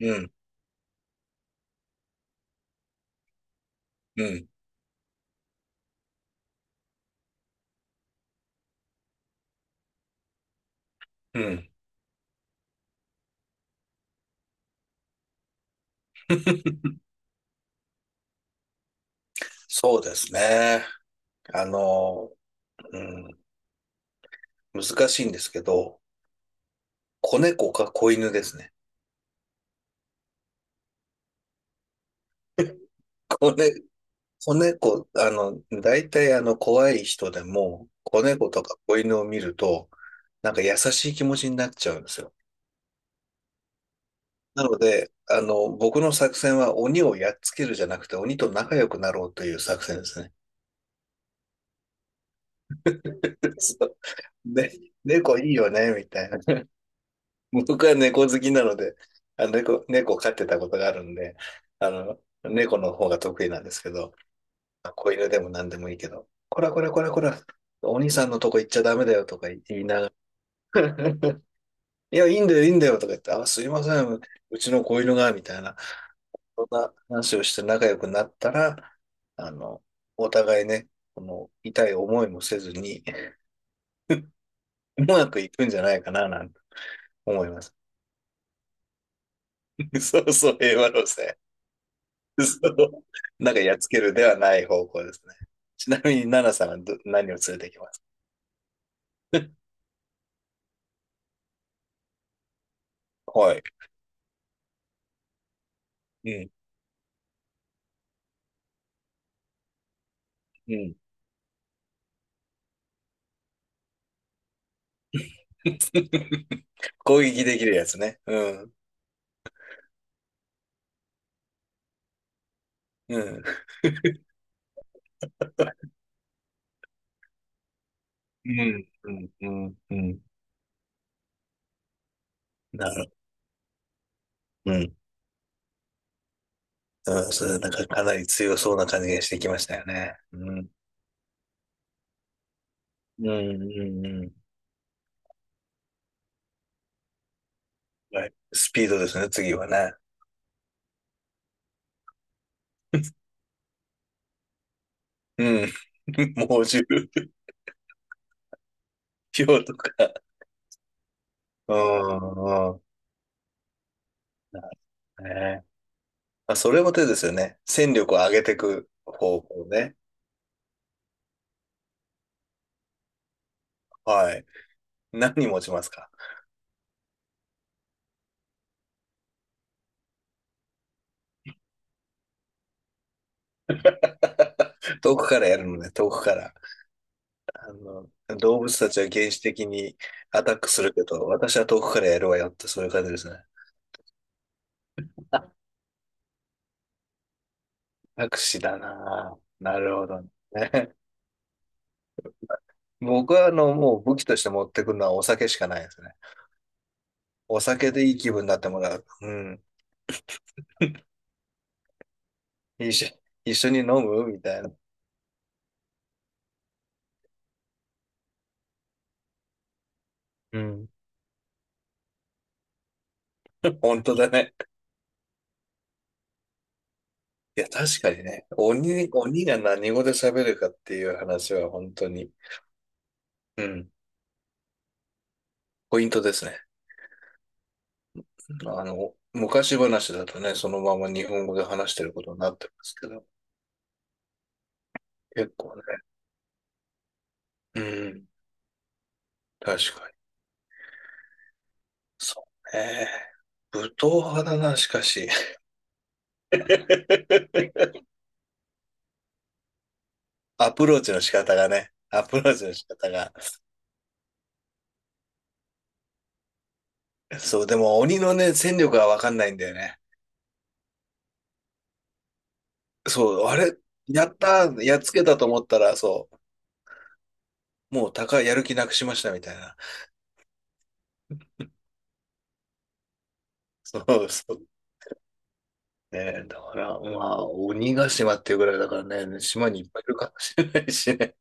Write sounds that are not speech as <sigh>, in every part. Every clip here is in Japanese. うん、うん、うん。<laughs> そうですね。あの、うん、難しいんですけど、子猫か子犬ですね。子ね、子猫、大体怖い人でも、子猫とか子犬を見ると、なんか優しい気持ちになっちゃうんですよ。なので、僕の作戦は鬼をやっつけるじゃなくて、鬼と仲良くなろうという作戦ですね。<laughs> そうで、猫いいよね、みたいな。<laughs> 僕は猫好きなので、猫を飼ってたことがあるんで、猫の方が得意なんですけど、子犬でも何でもいいけど、こらこらこらこら、お兄さんのとこ行っちゃダメだよとか言いながら、いや、いいんだよ、いいんだよとか言って、あ、すいません、うちの子犬が、みたいな、そんな話をして仲良くなったら、あの、お互いね、この痛い思いもせずに、うまくいくんじゃないかな、なんて思います。<laughs> そうそう、平和路線。そう <laughs> なんかやっつけるではない方向ですね。ちなみに、ナナさんは何を連れてきます？はい。うん。うん。<laughs> 攻撃できるやつね。ん。うん。うん。うん。うん。うん。なるほど。うん。うん。それ、なんかかなり強そうな感じがしてきましたよね。うん。うん。うん。うん。はい。スピードですね、次はね。うん。<laughs> 猛獣、<laughs> 豹とか。うん。うん。なるほどね。まあ、それも手ですよね。戦力を上げていく方向ね。はい。何持ちますか？遠くからやるのね、遠くから。あの、動物たちは原始的にアタックするけど、私は遠くからやるわよって、そういう感じですね。あ、アクシだなぁ。なるほどね。<laughs> 僕は、もう武器として持ってくるのはお酒しかないですね。お酒でいい気分になってもらう。うん。一緒、一緒に飲むみたいな。うん。本当だね。いや、確かにね、鬼が何語で喋るかっていう話は本当に、うん、ポイントですね。昔話だとね、そのまま日本語で話してることになってますけど、結構ね、うん、確かに。そうね。武闘派だな、しかし。<laughs> アプローチの仕方がね、アプローチの仕方が。そう、でも鬼のね、戦力はわかんないんだよね。そう、あれ、やったー、やっつけたと思ったら、そう、もう高い、やる気なくしましたみたいな。そうそうね。だから、まあ、鬼ヶ島っていうぐらいだからね、島にいっぱいいるかもしれないしね。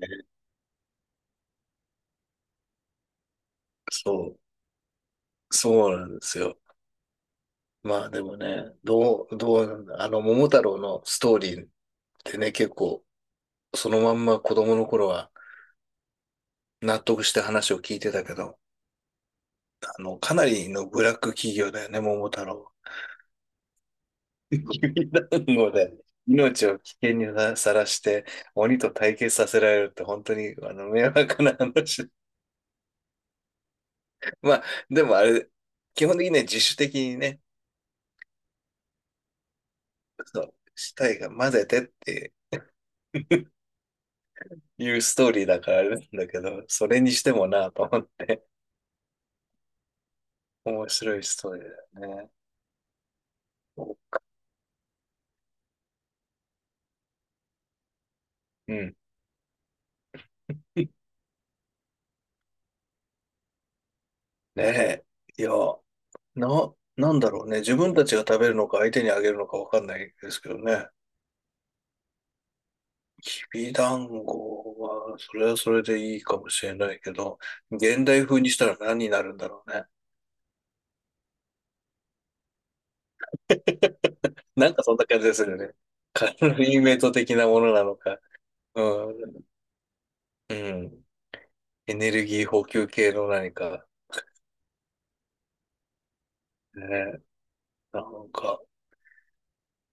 ね、そう、そうなんですよ。まあでもね、どうなんだ、桃太郎のストーリーってね、結構、そのまんま子供の頃は納得して話を聞いてたけど、かなりのブラック企業だよね、桃太郎。<laughs> 指団子で命を危険にさらして、鬼と対決させられるって本当に、迷惑な話。まあ、でもあれ、基本的にね、自主的にね、そうしたいが混ぜてっていうストーリーだからあれなんだけど、それにしてもなと思って、面白いストーリーだよね。うん。ねえ。いや、なんだろうね。自分たちが食べるのか相手にあげるのかわかんないですけどね。きびだんごは、それはそれでいいかもしれないけど、現代風にしたら何になるんだろうね。なんかそんな感じでするよね。カロリーメイト的なものなのか。うん、うん。エネルギー補給系の何か。ね、なんか、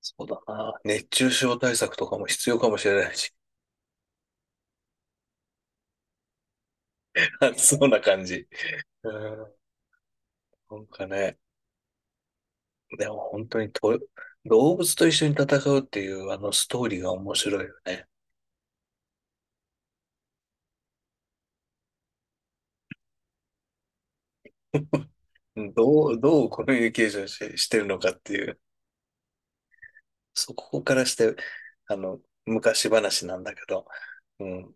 そうだな。熱中症対策とかも必要かもしれないし。<laughs> 暑そうな感じ。うん。なんかね、でも本当にと、動物と一緒に戦うっていうあのストーリーが面白いよね。どうコミュニケーションしてるのかっていう。そこからして、あの、昔話なんだけど、うん。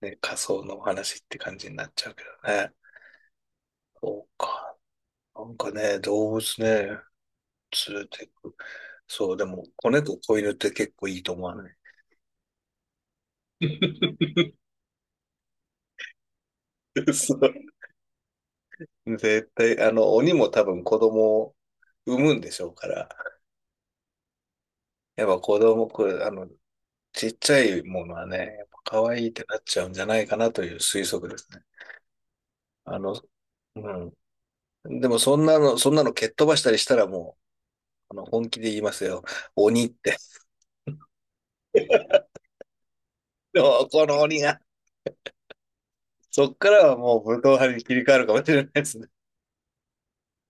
ね、仮想のお話って感じになっちゃうけどね。そうか。なんかね、動物ね。連れてく。そう、でも、子猫、子犬って結構いいと思わない？<laughs> そう。絶対、鬼も多分子供を産むんでしょうから、やっぱ子供、これ、ちっちゃいものはね、やっぱ可愛いってなっちゃうんじゃないかなという推測ですね。あの、うでも、そんなの蹴っ飛ばしたりしたらもう、本気で言いますよ。鬼って。<laughs> でもこの鬼が、そっからはもう武闘派に切り替わるかもしれないですね。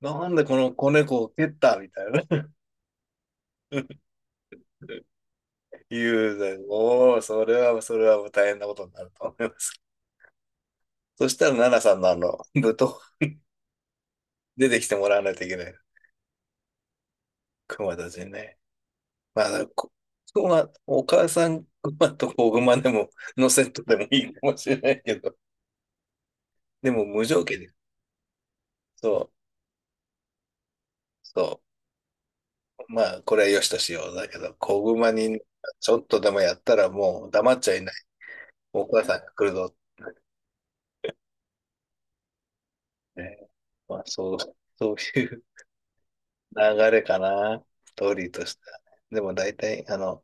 なんでこの子猫を蹴ったみたいな。雄然、もう、それはもう大変なことになると思います。そしたら、奈々さんのあの、舞踏、出てきてもらわないといけない。熊たちにね。まあ、こ熊、お母さん熊と子熊でも、のセットでもいいかもしれないけど、でも無条件で、そう、そう、まあ、これは良しとしよう。だけど、子熊に、ちょっとでもやったらもう黙っちゃいない。お母さんが来るぞってね。まあ、そう、そういう流れかな。ストーリーとしてはね。でも大体、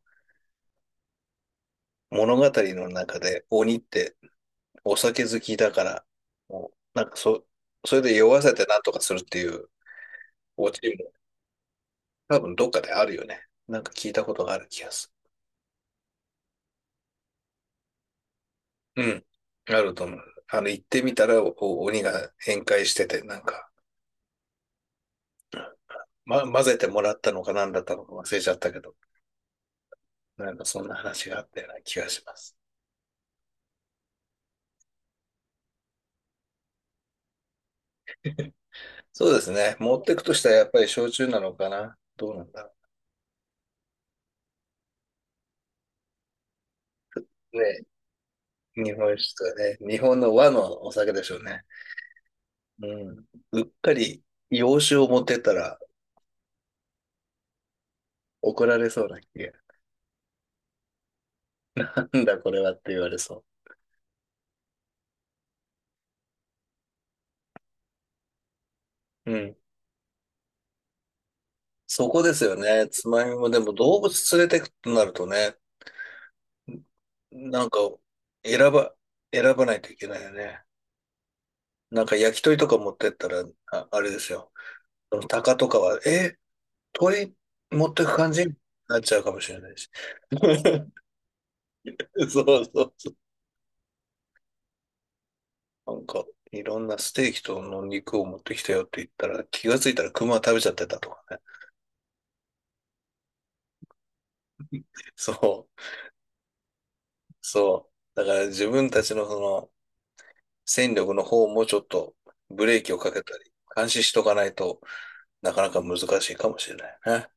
物語の中で鬼ってお酒好きだから、もう、なんかそ、それで酔わせてなんとかするっていうオチも多分どっかであるよね。なんか聞いたことがある気がする。うん。あると思う。あの、行ってみたらお鬼が宴会してて、なんか、ま、混ぜてもらったのか何だったのか忘れちゃったけど、なんかそんな話があったような気がします。そうですね。持ってくとしたらやっぱり焼酎なのかな。どうなんだろう。ね、日本酒とかね、日本の和のお酒でしょうね。うん。うっかり洋酒を持ってったら怒られそうな気が。<laughs> なんだこれはって言われそう。うん。そこですよね。つまみもでも動物連れてくとなるとね、なんか選ば、選ばないといけないよね。なんか焼き鳥とか持ってったら、あ、あれですよ。その鷹とかは、え、鳥持ってく感じになっちゃうかもしれないし。<laughs> そうそうなんか、いろんなステーキとの肉を持ってきたよって言ったら、気がついたら熊食べちゃってたとかね。<laughs> そう、そう。だから自分たちのその戦力の方もちょっとブレーキをかけたり、監視しとかないとなかなか難しいかもしれないね。